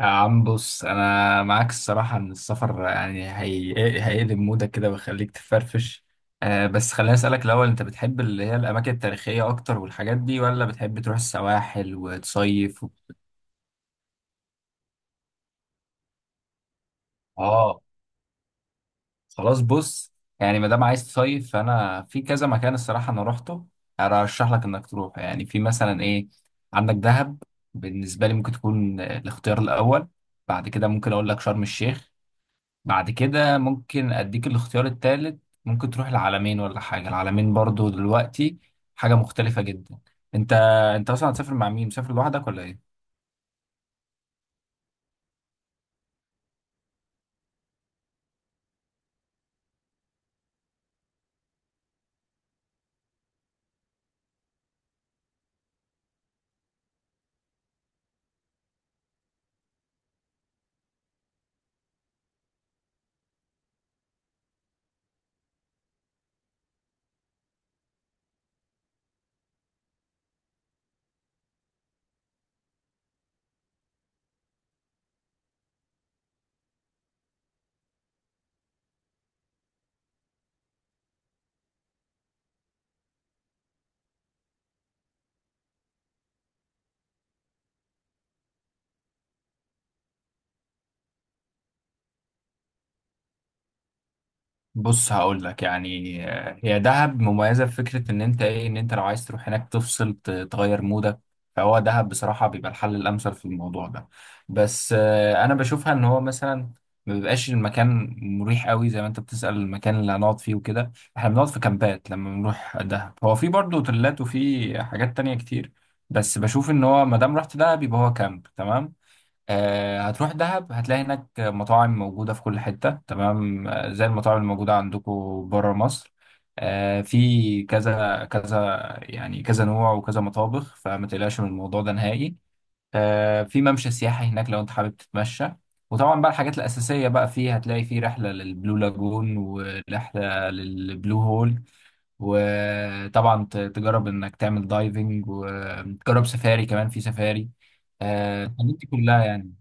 يا عم بص، انا معاك الصراحه ان السفر يعني هيقلب مودك كده ويخليك تفرفش. آه بس خليني اسالك الاول، انت بتحب اللي هي الاماكن التاريخيه اكتر والحاجات دي ولا بتحب تروح السواحل وتصيف و... اه خلاص بص، يعني ما دام عايز تصيف فانا في كذا مكان الصراحه انا روحته، ارشح لك انك تروح يعني في مثلا ايه. عندك دهب، بالنسبه لي ممكن تكون الاختيار الاول. بعد كده ممكن اقول لك شرم الشيخ. بعد كده ممكن اديك الاختيار التالت، ممكن تروح العالمين ولا حاجه، العالمين برضو دلوقتي حاجه مختلفه جدا. انت انت اصلا هتسافر مع مين؟ مسافر لوحدك ولا ايه؟ بص هقول لك يعني، هي دهب مميزه في فكره ان انت ايه، ان انت لو عايز تروح هناك تفصل تغير مودك، فهو دهب بصراحه بيبقى الحل الامثل في الموضوع ده. بس انا بشوفها ان هو مثلا ما بيبقاش المكان مريح قوي زي ما انت بتسأل، المكان اللي هنقعد فيه وكده، احنا بنقعد في كامبات لما بنروح دهب، هو في برضه اوتيلات وفي حاجات تانية كتير، بس بشوف ان هو ما دام رحت دهب يبقى هو كامب تمام. هتروح دهب هتلاقي هناك مطاعم موجودة في كل حتة تمام، زي المطاعم الموجودة عندكم بره مصر. في كذا كذا يعني، كذا نوع وكذا مطابخ، فما تقلقش من الموضوع ده نهائي. في ممشى سياحي هناك لو انت حابب تتمشى. وطبعا بقى الحاجات الأساسية بقى فيه، هتلاقي فيه رحلة للبلو لاجون ورحلة للبلو هول. وطبعا تجرب انك تعمل دايفنج، وتجرب سفاري كمان في سفاري، الحاجات دي كلها يعني.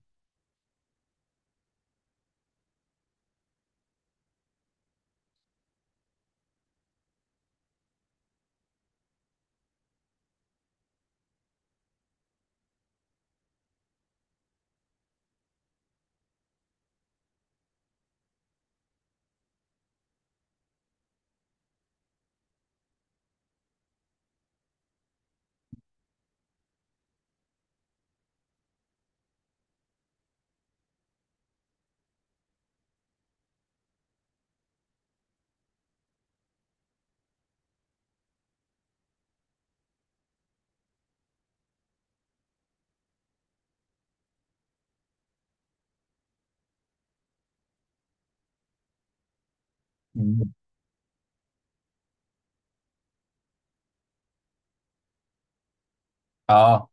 مم. اه.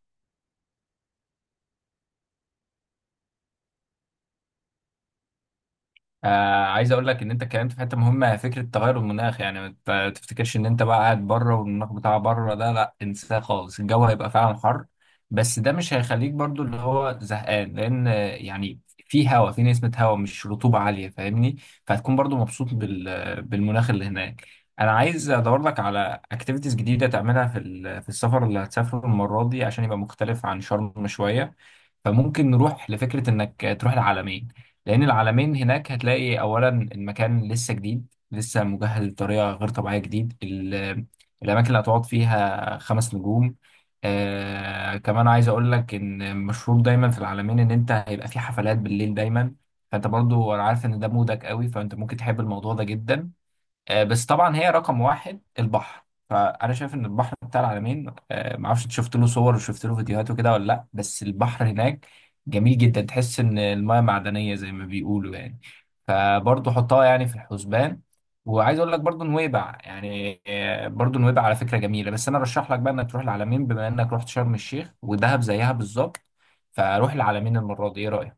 عايز اقول لك ان انت اتكلمت في حته مهمه، فكره تغير المناخ، يعني ما تفتكرش ان انت بقى قاعد بره والمناخ بتاع بره ده، لا انساه خالص، الجو هيبقى فعلا حر، بس ده مش هيخليك برضو اللي هو زهقان، لان يعني في هوا، في نسمه هوا مش رطوبه عاليه، فاهمني؟ فهتكون برضو مبسوط بالمناخ اللي هناك. انا عايز ادور لك على اكتيفيتيز جديده تعملها في السفر اللي هتسافره المره دي عشان يبقى مختلف عن شرم شويه، فممكن نروح لفكره انك تروح العلمين، لأن العلمين هناك هتلاقي أولا المكان لسه جديد، لسه مجهز بطريقة غير طبيعية، الأماكن اللي هتقعد فيها 5 نجوم. آه كمان عايز أقول لك إن مشهور دايما في العلمين إن أنت هيبقى في حفلات بالليل دايما، فأنت برضو أنا عارف إن ده مودك قوي، فأنت ممكن تحب الموضوع ده جدا. بس طبعا هي رقم واحد البحر، فانا شايف ان البحر بتاع العلمين، معرفش انت شفت له صور وشفت له فيديوهات وكده ولا لا، بس البحر هناك جميل جدا، تحس ان المياه معدنيه زي ما بيقولوا يعني، فبرضه حطها يعني في الحسبان. وعايز اقول لك برضه نويبع يعني، برضه نويبع على فكره جميله، بس انا رشح لك بقى انك تروح العلمين بما انك رحت شرم الشيخ ودهب زيها بالظبط، فروح العلمين المره دي، ايه رايك؟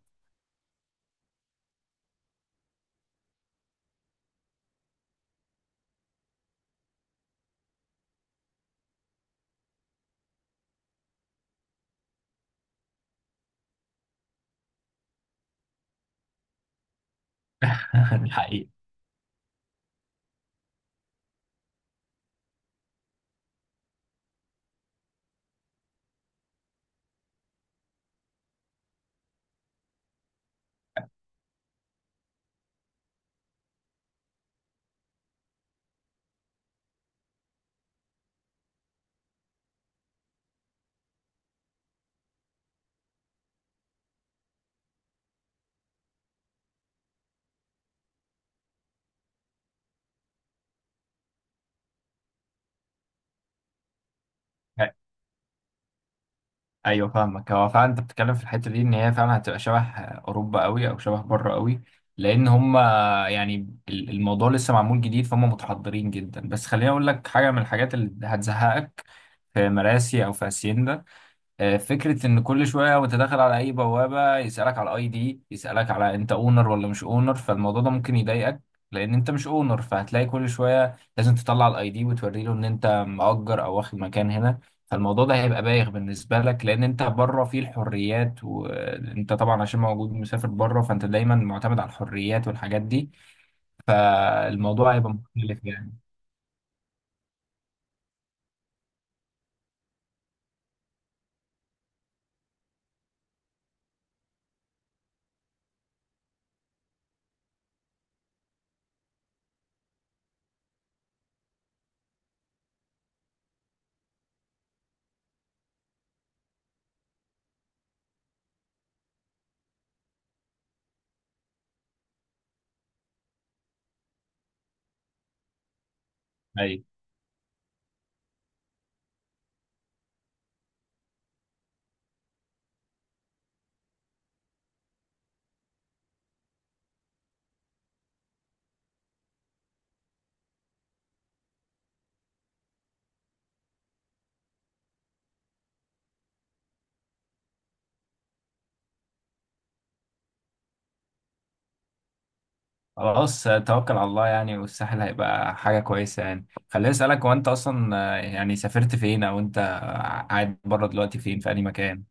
الحقيقة. ايوه فاهمك، هو فعلا انت بتتكلم في الحته دي ان هي فعلا هتبقى شبه اوروبا قوي، او شبه بره قوي، لان هم يعني الموضوع لسه معمول جديد، فهم متحضرين جدا، بس خليني اقول لك حاجه من الحاجات اللي هتزهقك في مراسي او في هاسيندا. فكرة إن كل شوية وأنت داخل على أي بوابة يسألك على الأي دي، يسألك على أنت أونر ولا مش أونر، فالموضوع ده ممكن يضايقك، لأن أنت مش أونر، فهتلاقي كل شوية لازم تطلع الأي دي وتوري له إن أنت مأجر أو واخد مكان هنا، فالموضوع ده هيبقى بايخ بالنسبة لك، لأن أنت بره فيه الحريات، وأنت طبعا عشان موجود مسافر بره، فأنت دايما معتمد على الحريات والحاجات دي، فالموضوع هيبقى مختلف يعني. أيوة. خلاص، توكل على الله يعني، والساحل هيبقى حاجة كويسة يعني. خليني أسألك، هو أنت أصلا يعني سافرت فين؟ أو أنت قاعد بره دلوقتي فين، في أي مكان؟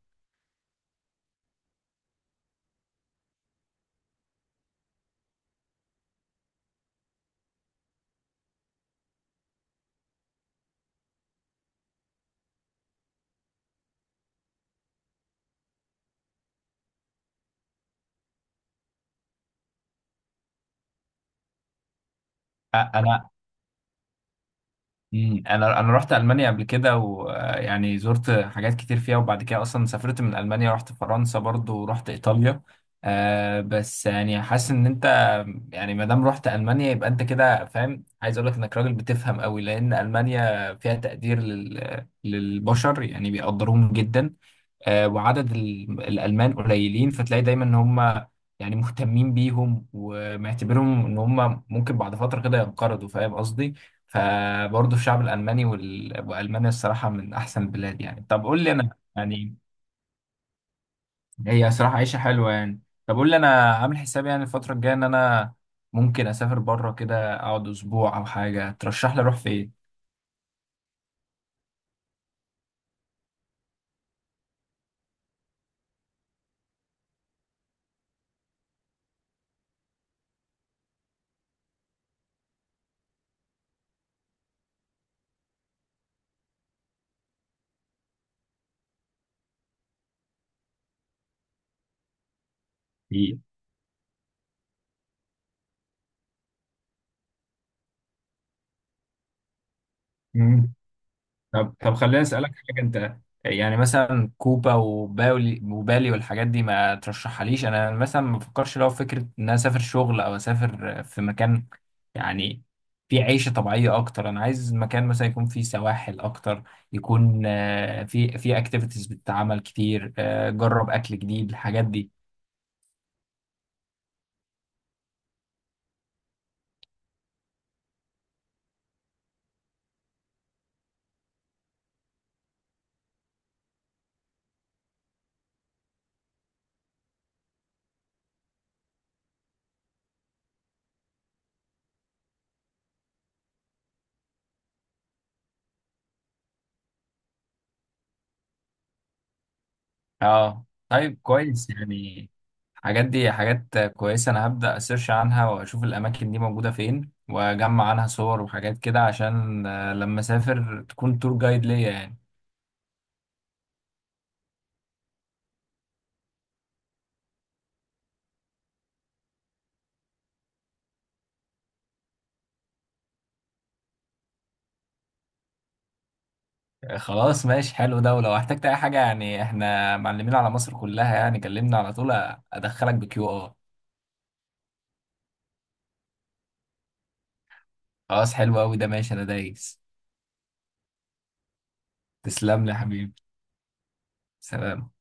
أنا... أنا رحت ألمانيا قبل كده، ويعني زرت حاجات كتير فيها، وبعد كده أصلا سافرت من ألمانيا رحت فرنسا برضو ورحت إيطاليا. آه بس يعني حاسس إن أنت يعني ما دام رحت ألمانيا يبقى أنت كده فاهم. عايز أقول لك إنك راجل بتفهم قوي، لأن ألمانيا فيها تقدير للبشر، يعني بيقدروهم جدا. وعدد الألمان قليلين، فتلاقي دايما إن هم يعني مهتمين بيهم ومعتبرهم إن هم ممكن بعد فترة كده ينقرضوا، فاهم قصدي؟ فبرضه الشعب الألماني وألمانيا الصراحة من أحسن البلاد يعني، طب قول لي أنا يعني، هي صراحة عيشة حلوة يعني. طب قول لي أنا عامل حسابي يعني الفترة الجاية إن أنا ممكن أسافر بره كده، أقعد أسبوع أو حاجة، ترشح لي أروح فين؟ حقيقي. طب طب خليني اسالك حاجه، انت يعني مثلا كوبا وباولي وبالي والحاجات دي ما ترشحهاليش؟ انا مثلا ما بفكرش، لو فكره ان انا اسافر شغل او اسافر في مكان يعني فيه عيشه طبيعيه اكتر، انا عايز مكان مثلا يكون فيه سواحل اكتر، يكون فيه اكتيفيتيز بتتعمل كتير، جرب اكل جديد الحاجات دي. اه طيب كويس يعني. الحاجات دي حاجات كويسة، أنا هبدأ أسيرش عنها وأشوف الأماكن دي موجودة فين، وأجمع عنها صور وحاجات كده عشان لما أسافر تكون تور جايد ليا يعني. خلاص ماشي حلو ده، ولو احتجت أي حاجة يعني إحنا معلمين على مصر كلها يعني، كلمنا على طول، أدخلك بكيو آر. خلاص حلو أوي ده، ماشي أنا دايس. تسلم لي يا حبيبي. سلام.